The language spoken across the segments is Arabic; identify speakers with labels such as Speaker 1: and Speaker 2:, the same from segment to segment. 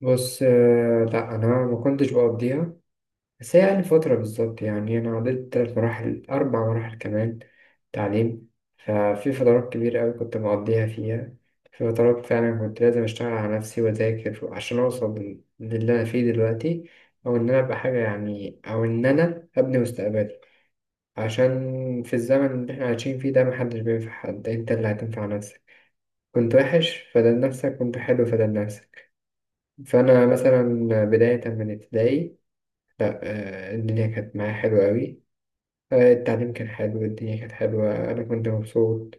Speaker 1: بص، لا، انا ما كنتش بقضيها. بس هي يعني فتره بالظبط. يعني انا عديت 3 مراحل 4 مراحل كمان تعليم. ففي فترات كبيره قوي كنت مقضيها فيها، في فترات فعلا كنت لازم اشتغل على نفسي واذاكر عشان اوصل للي انا فيه دلوقتي، او ان انا ابقى حاجه، يعني او ان انا ابني مستقبلي. عشان في الزمن اللي احنا عايشين فيه ده محدش بينفع حد، انت اللي هتنفع نفسك. كنت وحش فدل نفسك، كنت حلو فدل نفسك. فأنا مثلا بداية من ابتدائي، لأ، الدنيا كانت معايا حلوة أوي. التعليم كان حلو، الدنيا كانت حلوة، أنا كنت مبسوط.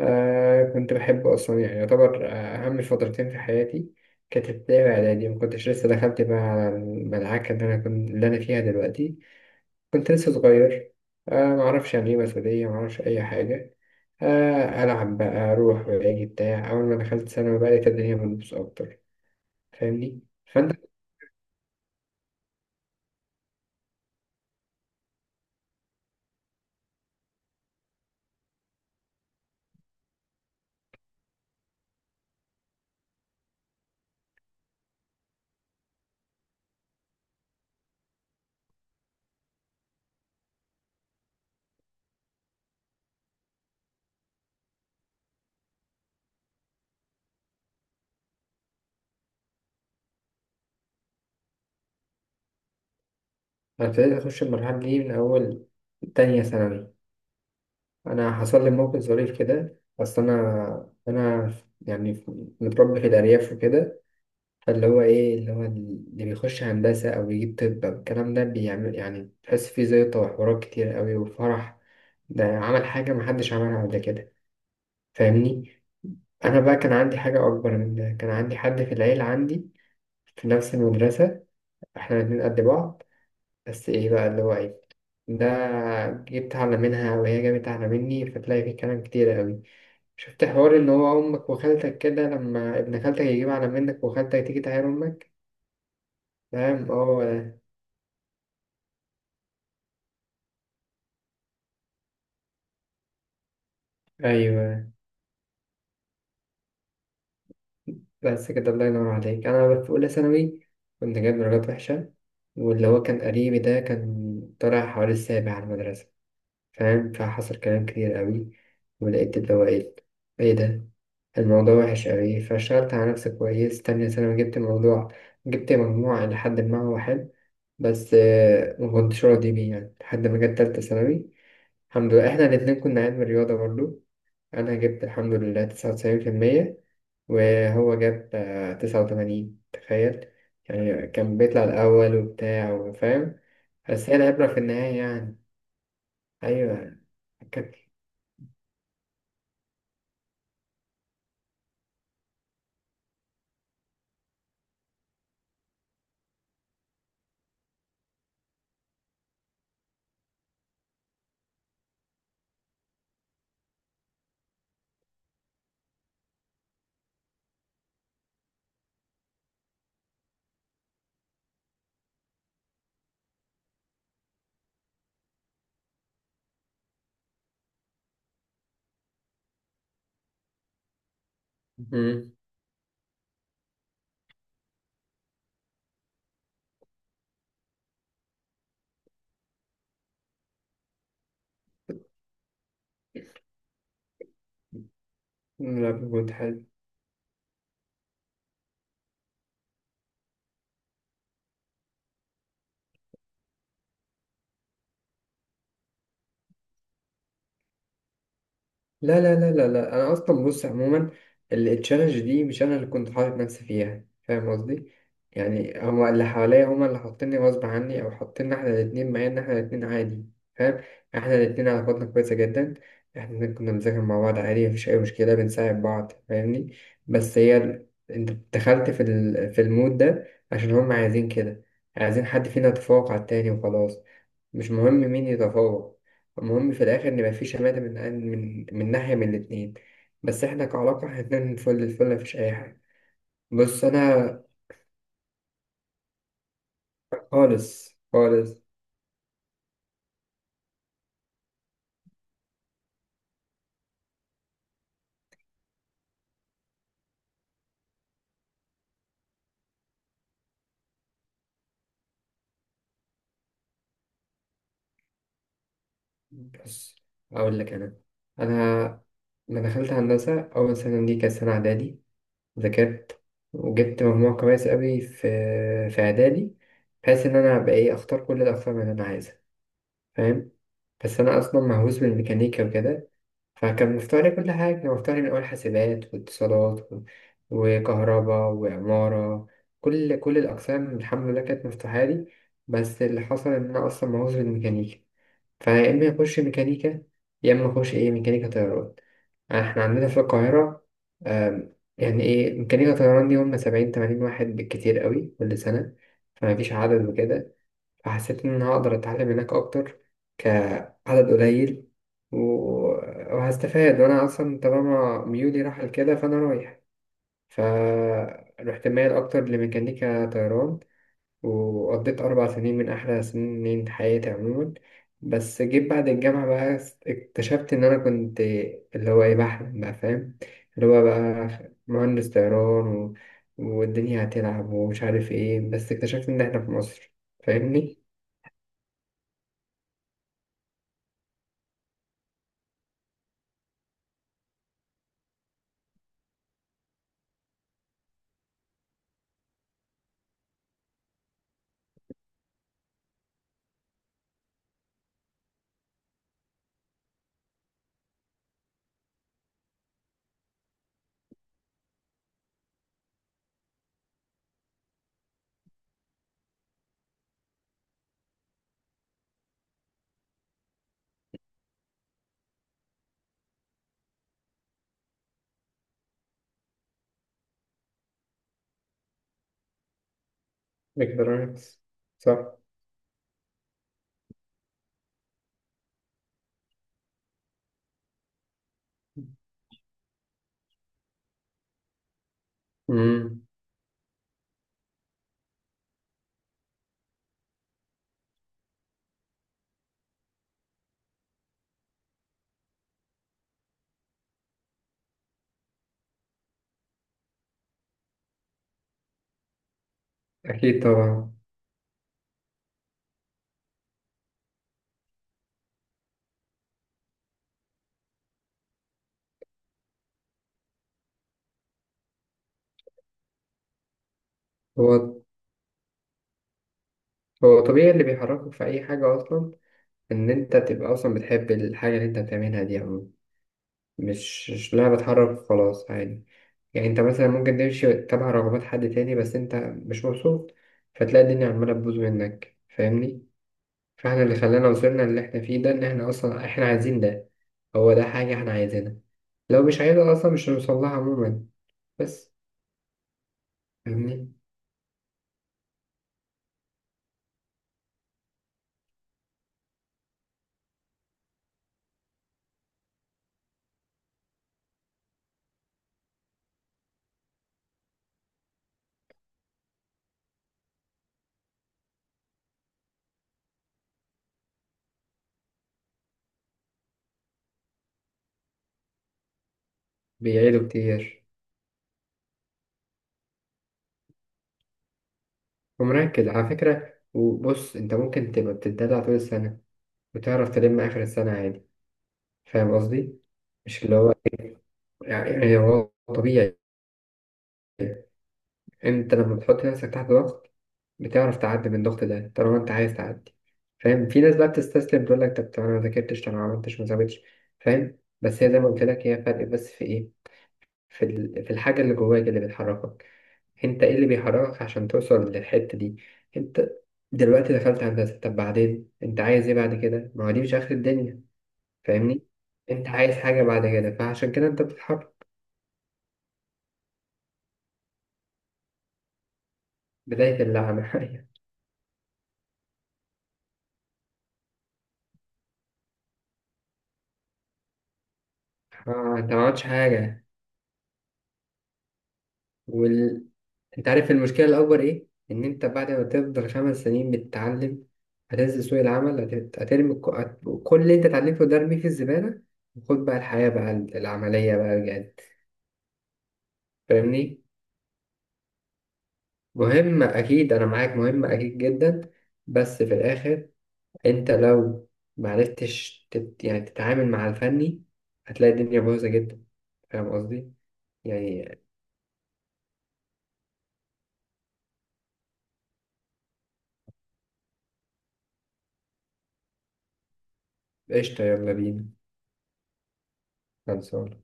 Speaker 1: كنت بحبه أصلا، يعني يعتبر أهم فترتين في حياتي كانت ابتدائي وإعدادي. مكنتش لسه دخلت بقى على المدعكة اللي أنا فيها دلوقتي، كنت لسه صغير. معرفش يعني إيه مسؤولية، معرفش أي حاجة. ألعب بقى أروح وأجي بتاع. أول ما دخلت ثانوي بقى لقيت الدنيا بتبوظ أكتر. فاهمني؟ فأنت أنا ابتديت أخش المرحلة دي من أول تانية ثانوي. أنا حصل لي موقف ظريف كده، بس أنا يعني متربي في الأرياف وكده. فاللي هو إيه اللي هو اللي بيخش هندسة أو يجيب طب أو الكلام ده بيعمل، يعني تحس فيه زيطة وحوارات كتير أوي وفرح. ده عمل حاجة محدش عملها قبل كده. فاهمني؟ أنا بقى كان عندي حاجة أكبر من ده. كان عندي حد في العيلة، عندي في نفس المدرسة. إحنا الاتنين قد بعض. بس ايه بقى اللي هو ايه ده؟ جبت أعلى منها وهي جابت أعلى مني، فتلاقي في كلام كتير أوي. شفت حوار إن هو أمك وخالتك كده لما ابن خالتك يجيب أعلى منك وخالتك تيجي تعاير أمك. فاهم؟ هو ده. أيوه، بس كده الله ينور عليك. أنا في أولى ثانوي كنت جايب درجات وحشة، واللي هو كان قريبي ده كان طالع حوالي السابع على المدرسة. فاهم؟ فحصل كلام كتير قوي، ولقيت اللي هو ايه، ايه ده، الموضوع وحش قوي. فاشتغلت على نفسي كويس تانية ثانوي. جبت مجموع إلى حد ما هو حلو، بس ما كنتش راضي بيه. يعني لحد ما جت تالتة ثانوي، الحمد لله احنا الاتنين كنا علم رياضة برضو. أنا جبت الحمد لله 99%، وهو جاب 89. تخيل! يعني كان بيطلع الأول وبتاع وفاهم. بس هي العبرة في النهاية. يعني أيوة. كانت. لا، كنت حلو. لا لا لا لا لا، انا اصلا بص عموما التشالنج دي مش انا اللي كنت حاطط نفسي فيها، فاهم قصدي؟ يعني هما اللي حواليا، هما اللي حاطيني غصب عني، او حاطيننا احنا الاتنين، مع ان احنا الاتنين عادي. فاهم؟ احنا الاتنين علاقتنا كويسه جدا. احنا الاتنين كنا بنذاكر مع بعض عادي، مفيش اي مشكله، بنساعد بعض. فاهمني؟ بس هي انت دخلت في في المود ده عشان هما عايزين كده. عايزين حد فينا يتفوق على التاني وخلاص. مش مهم مين يتفوق، المهم في الآخر إن يبقى شماتة من ناحية من الاتنين. بس إحنا كعلاقة إحنا اتنين فل الفل، مفيش أي حاجة. بص أنا خالص خالص. بص أقول لك، أنا لما دخلت هندسة أول سنة دي كانت سنة إعدادي، ذاكرت وجبت مجموع كويس أوي في إعدادي، بحيث إن أنا أبقى إيه أختار كل الأقسام اللي أنا عايزها. فاهم؟ بس أنا أصلا مهووس بالميكانيكا وكده. فكان مفتوح لي كل حاجة، كان مفتوح لي من أول حاسبات واتصالات وكهرباء وعمارة. كل الأقسام الحمد لله كانت مفتوحة لي. بس اللي حصل إن أنا أصلا مهووس بالميكانيكا، فيا إما أخش ميكانيكا، يا إما أخش إيه ميكانيكا طيران. يعني إحنا عندنا في القاهرة، يعني إيه ميكانيكا طيران دي هم 70 80 واحد بالكتير قوي كل سنة. فمفيش عدد وكده. فحسيت إن أنا هقدر أتعلم هناك أكتر، كعدد قليل، و- وهستفاد. وأنا أصلا طالما ميولي راح لكده، فأنا رايح. فروحت مايل أكتر لميكانيكا طيران، وقضيت 4 سنين من أحلى سنين حياتي عموما. بس جيت بعد الجامعة بقى، اكتشفت إن أنا كنت اللي هو إيه بحلم بقى، فاهم؟ اللي هو بقى مهندس طيران، والدنيا هتلعب ومش عارف إيه. بس اكتشفت إن إحنا في مصر. فاهمني؟ مقدارات. صح. امم اكيد طبعا. هو هو طبيعي اللي بيحركك في اي حاجه، اصلا ان انت تبقى اصلا بتحب الحاجه اللي انت بتعملها دي عموما. مش لها بتحرك خلاص عادي. يعني انت مثلا ممكن تمشي تبع رغبات حد تاني، بس انت مش مبسوط فتلاقي الدنيا عماله تبوظ منك. فاهمني؟ فاحنا اللي خلانا وصلنا اللي احنا فيه ده، ان احنا اصلا احنا عايزين ده. هو ده حاجه احنا عايزينها. لو مش عايزها اصلا مش هنوصلها عموما. بس فاهمني؟ بيعيدوا كتير. ومركز على فكرة. وبص، أنت ممكن تبقى بتتدلع طول السنة وتعرف تلم آخر السنة عادي. فاهم قصدي؟ مش اللي هو، يعني هو طبيعي. أنت لما بتحط نفسك تحت ضغط، بتعرف تعدي من الضغط ده طالما أنت عايز تعدي. فاهم؟ في ناس بقى بتستسلم تقول لك طب أنا ما ذاكرتش، طب أنا ما عملتش، ما سويتش. فاهم؟ بس هي زي ما قلت لك، هي فرق بس في إيه؟ في في الحاجة اللي جواك اللي بتحركك. انت ايه اللي بيحركك عشان توصل للحتة دي؟ انت دلوقتي دخلت هندسة، طب بعدين انت عايز ايه بعد كده؟ ما هو دي مش اخر الدنيا. فاهمني؟ انت عايز حاجة بعد كده، فعشان كده انت بتتحرك. بداية اللعنة. انت ما عملتش حاجة. وال... انت عارف المشكلة الأكبر ايه؟ إن انت بعد ما تفضل 5 سنين بتتعلم، هتنزل سوق العمل، هترمي كل اللي انت اتعلمته ده ارميه في الزبالة، وخد بقى الحياة بقى العملية بقى بجد. فاهمني؟ مهم أكيد، أنا معاك، مهم أكيد جدا. بس في الآخر أنت لو معرفتش يعني تتعامل مع الفني، هتلاقي الدنيا بايظة جدا. فاهم قصدي؟ يعني قشطة، يلا بينا. خلصانة.